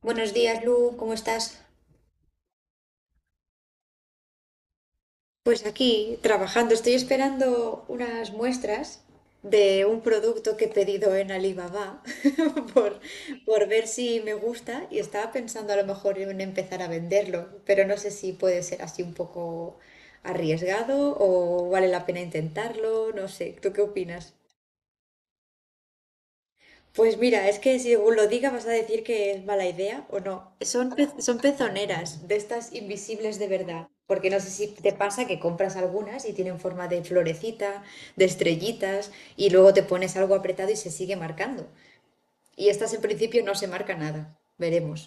Buenos días, Lu, ¿cómo estás? Pues aquí trabajando, estoy esperando unas muestras de un producto que he pedido en Alibaba por, por ver si me gusta y estaba pensando a lo mejor en empezar a venderlo, pero no sé si puede ser así un poco arriesgado o vale la pena intentarlo, no sé, ¿tú qué opinas? Pues mira, es que según lo diga vas a decir que es mala idea o no. Son pezoneras de estas invisibles de verdad. Porque no sé si te pasa que compras algunas y tienen forma de florecita, de estrellitas, y luego te pones algo apretado y se sigue marcando. Y estas en principio no se marca nada. Veremos.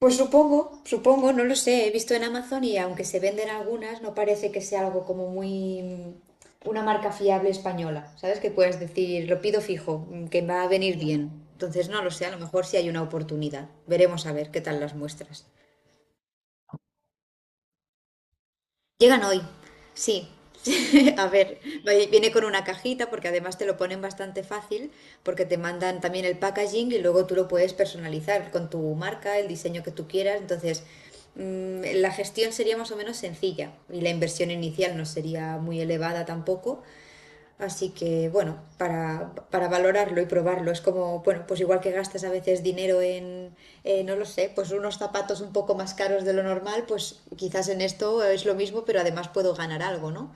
Pues supongo, supongo, no lo sé. He visto en Amazon y aunque se venden algunas, no parece que sea algo como una marca fiable española. ¿Sabes? Que puedes decir, lo pido fijo, que va a venir bien. Entonces, no lo sé, a lo mejor sí hay una oportunidad. Veremos a ver qué tal las muestras. Llegan hoy, sí. A ver, viene con una cajita porque además te lo ponen bastante fácil porque te mandan también el packaging y luego tú lo puedes personalizar con tu marca, el diseño que tú quieras. Entonces, la gestión sería más o menos sencilla y la inversión inicial no sería muy elevada tampoco. Así que, bueno, para valorarlo y probarlo, es como, bueno, pues igual que gastas a veces dinero en, no lo sé, pues unos zapatos un poco más caros de lo normal, pues quizás en esto es lo mismo, pero además puedo ganar algo, ¿no?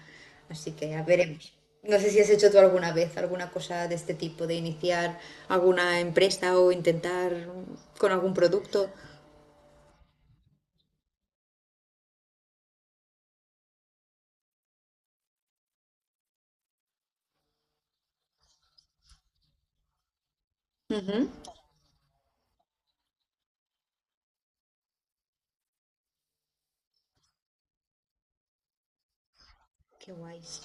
Así que ya veremos. No sé si has hecho tú alguna vez alguna cosa de este tipo, de iniciar alguna empresa o intentar con algún producto. Ujú. Qué guays.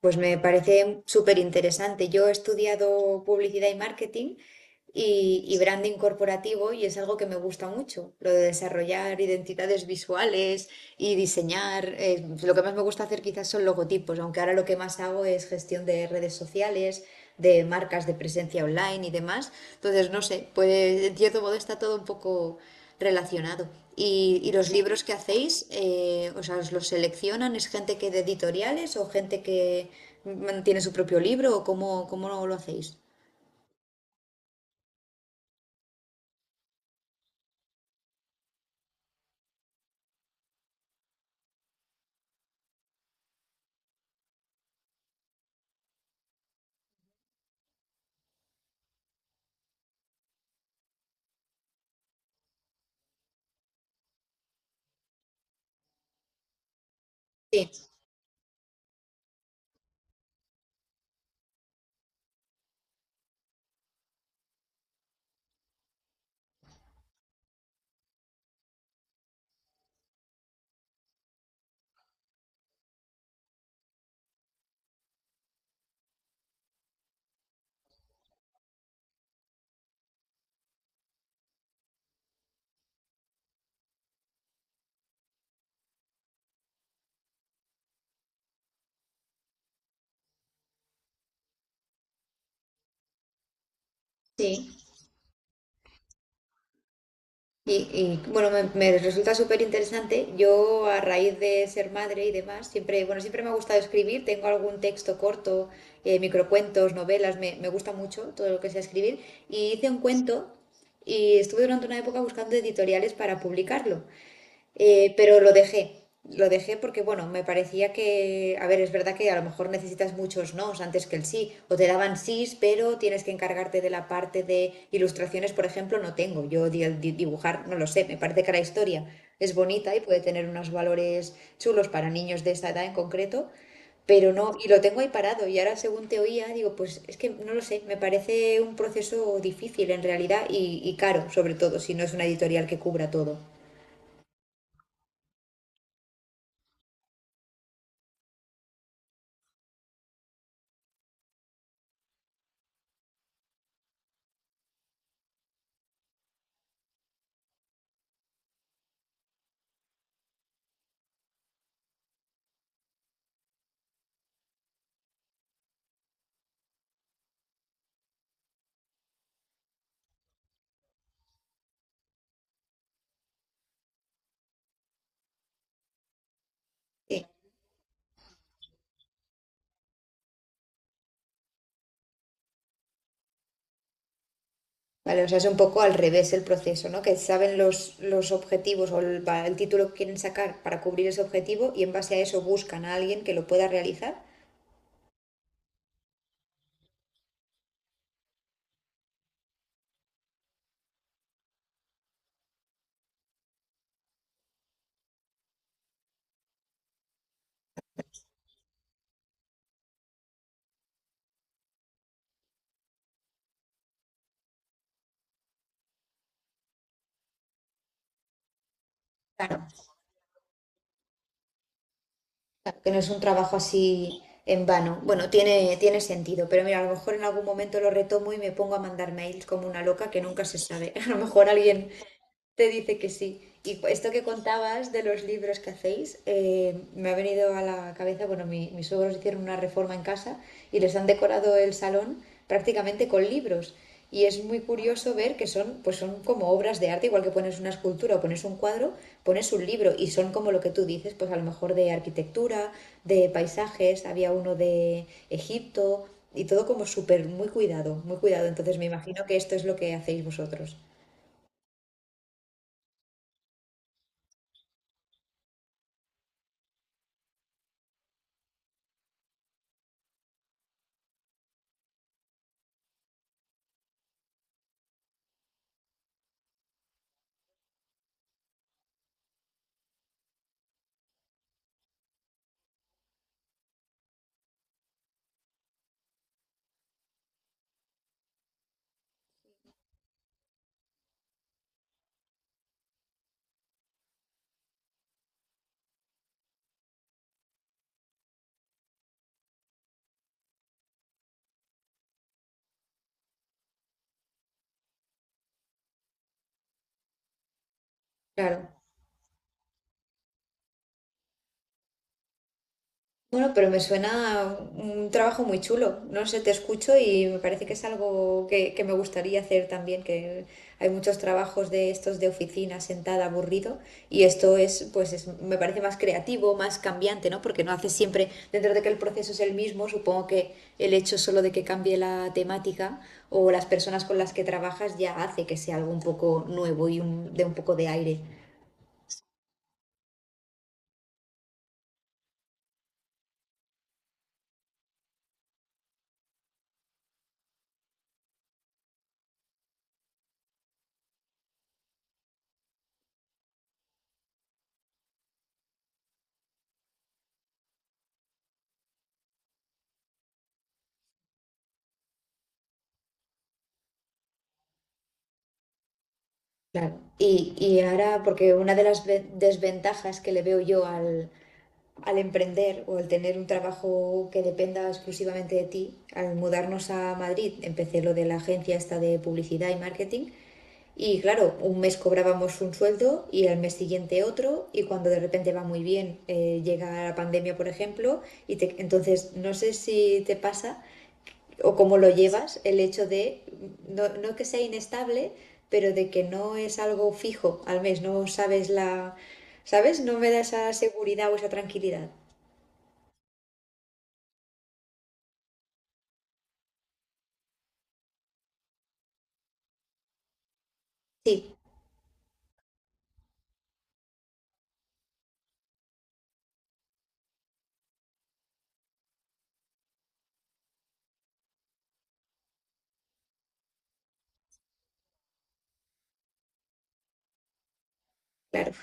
Pues me parece súper interesante. Yo he estudiado publicidad y marketing y branding corporativo y es algo que me gusta mucho, lo de desarrollar identidades visuales y diseñar. Lo que más me gusta hacer quizás son logotipos, aunque ahora lo que más hago es gestión de redes sociales, de marcas de presencia online y demás. Entonces, no sé, pues en cierto modo está todo un poco relacionado. Y los libros que hacéis, o sea, os los seleccionan, ¿es gente que de editoriales o gente que tiene su propio libro o cómo lo hacéis? Sí, sí. Y bueno, me resulta súper interesante. Yo, a raíz de ser madre y demás, siempre, bueno, siempre me ha gustado escribir. Tengo algún texto corto, microcuentos, novelas, me gusta mucho todo lo que sea escribir. Y hice un cuento y estuve durante una época buscando editoriales para publicarlo. Pero lo dejé porque, bueno, me parecía que, a ver, es verdad que a lo mejor necesitas muchos nos antes que el sí, o te daban sís, pero tienes que encargarte de la parte de ilustraciones, por ejemplo, no tengo, yo dibujar, no lo sé, me parece que la historia es bonita y puede tener unos valores chulos para niños de esa edad en concreto, pero no, y lo tengo ahí parado, y ahora según te oía, digo, pues es que no lo sé, me parece un proceso difícil en realidad y caro, sobre todo, si no es una editorial que cubra todo. Sí. Vale, o sea, es un poco al revés el proceso, ¿no? Que saben los objetivos o el título que quieren sacar para cubrir ese objetivo y en base a eso buscan a alguien que lo pueda realizar. Claro, claro, que no es un trabajo así en vano. Bueno, tiene, tiene sentido, pero mira, a lo mejor en algún momento lo retomo y me pongo a mandar mails como una loca que nunca se sabe. A lo mejor alguien te dice que sí. Y esto que contabas de los libros que hacéis, me ha venido a la cabeza, bueno, mis suegros hicieron una reforma en casa y les han decorado el salón prácticamente con libros. Y es muy curioso ver que son, pues son como obras de arte, igual que pones una escultura o pones un cuadro, pones un libro y son como lo que tú dices, pues a lo mejor de arquitectura, de paisajes, había uno de Egipto y todo como súper, muy cuidado, muy cuidado. Entonces me imagino que esto es lo que hacéis vosotros. Claro. Bueno, pero me suena a un trabajo muy chulo. No sé, te escucho y me parece que es algo que me gustaría hacer también, que hay muchos trabajos de estos de oficina, sentada, aburrido, y esto es, me parece más creativo, más cambiante, ¿no? Porque no haces siempre, dentro de que el proceso es el mismo, supongo que el hecho solo de que cambie la temática o las personas con las que trabajas ya hace que sea algo un poco nuevo y un, de un poco de aire. Claro. Y ahora, porque una de las desventajas que le veo yo al emprender o al tener un trabajo que dependa exclusivamente de ti, al mudarnos a Madrid empecé lo de la agencia esta de publicidad y marketing y claro, un mes cobrábamos un sueldo y al mes siguiente otro y cuando de repente va muy bien llega la pandemia, por ejemplo, entonces no sé si te pasa o cómo lo llevas el hecho de, no, no que sea inestable, pero de que no es algo fijo al mes, no sabes la... ¿Sabes? No me da esa seguridad o esa tranquilidad. Sí, claro.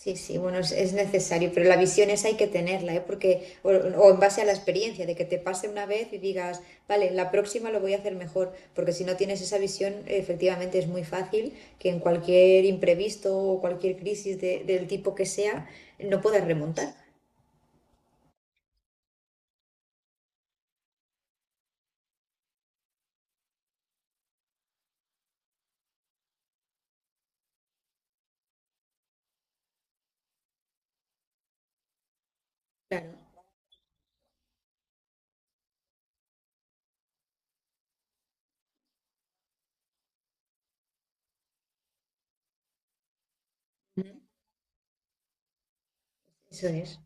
Sí, sí, bueno, es necesario, pero la visión esa hay que tenerla, ¿eh? Porque, o en base a la experiencia, de que te pase una vez y digas, vale, la próxima lo voy a hacer mejor, porque si no tienes esa visión, efectivamente es muy fácil que en cualquier imprevisto o cualquier crisis del tipo que sea, no puedas remontar. Claro, ujú. Eso es.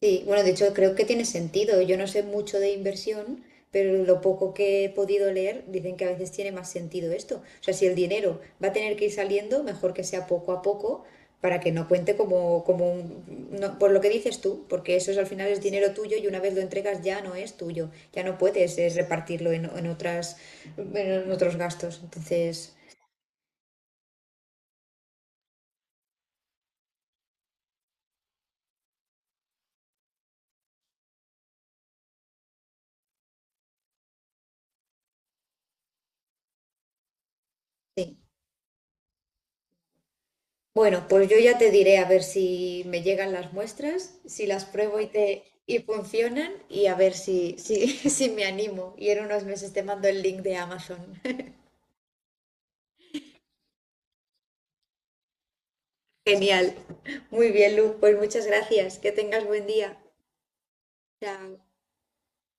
Sí, bueno, de hecho creo que tiene sentido. Yo no sé mucho de inversión, pero lo poco que he podido leer dicen que a veces tiene más sentido esto. O sea, si el dinero va a tener que ir saliendo, mejor que sea poco a poco para que no cuente como, como un, por lo que dices tú, porque eso es, al final es dinero tuyo y una vez lo entregas ya no es tuyo, ya no puedes repartirlo en otras, en otros gastos. Entonces, sí. Bueno, pues yo ya te diré a ver si me llegan las muestras, si las pruebo y te y funcionan y a ver si, si me animo. Y en unos meses te mando el link de Amazon. Genial. Muy bien, Luz. Pues muchas gracias. Que tengas buen día. Chao.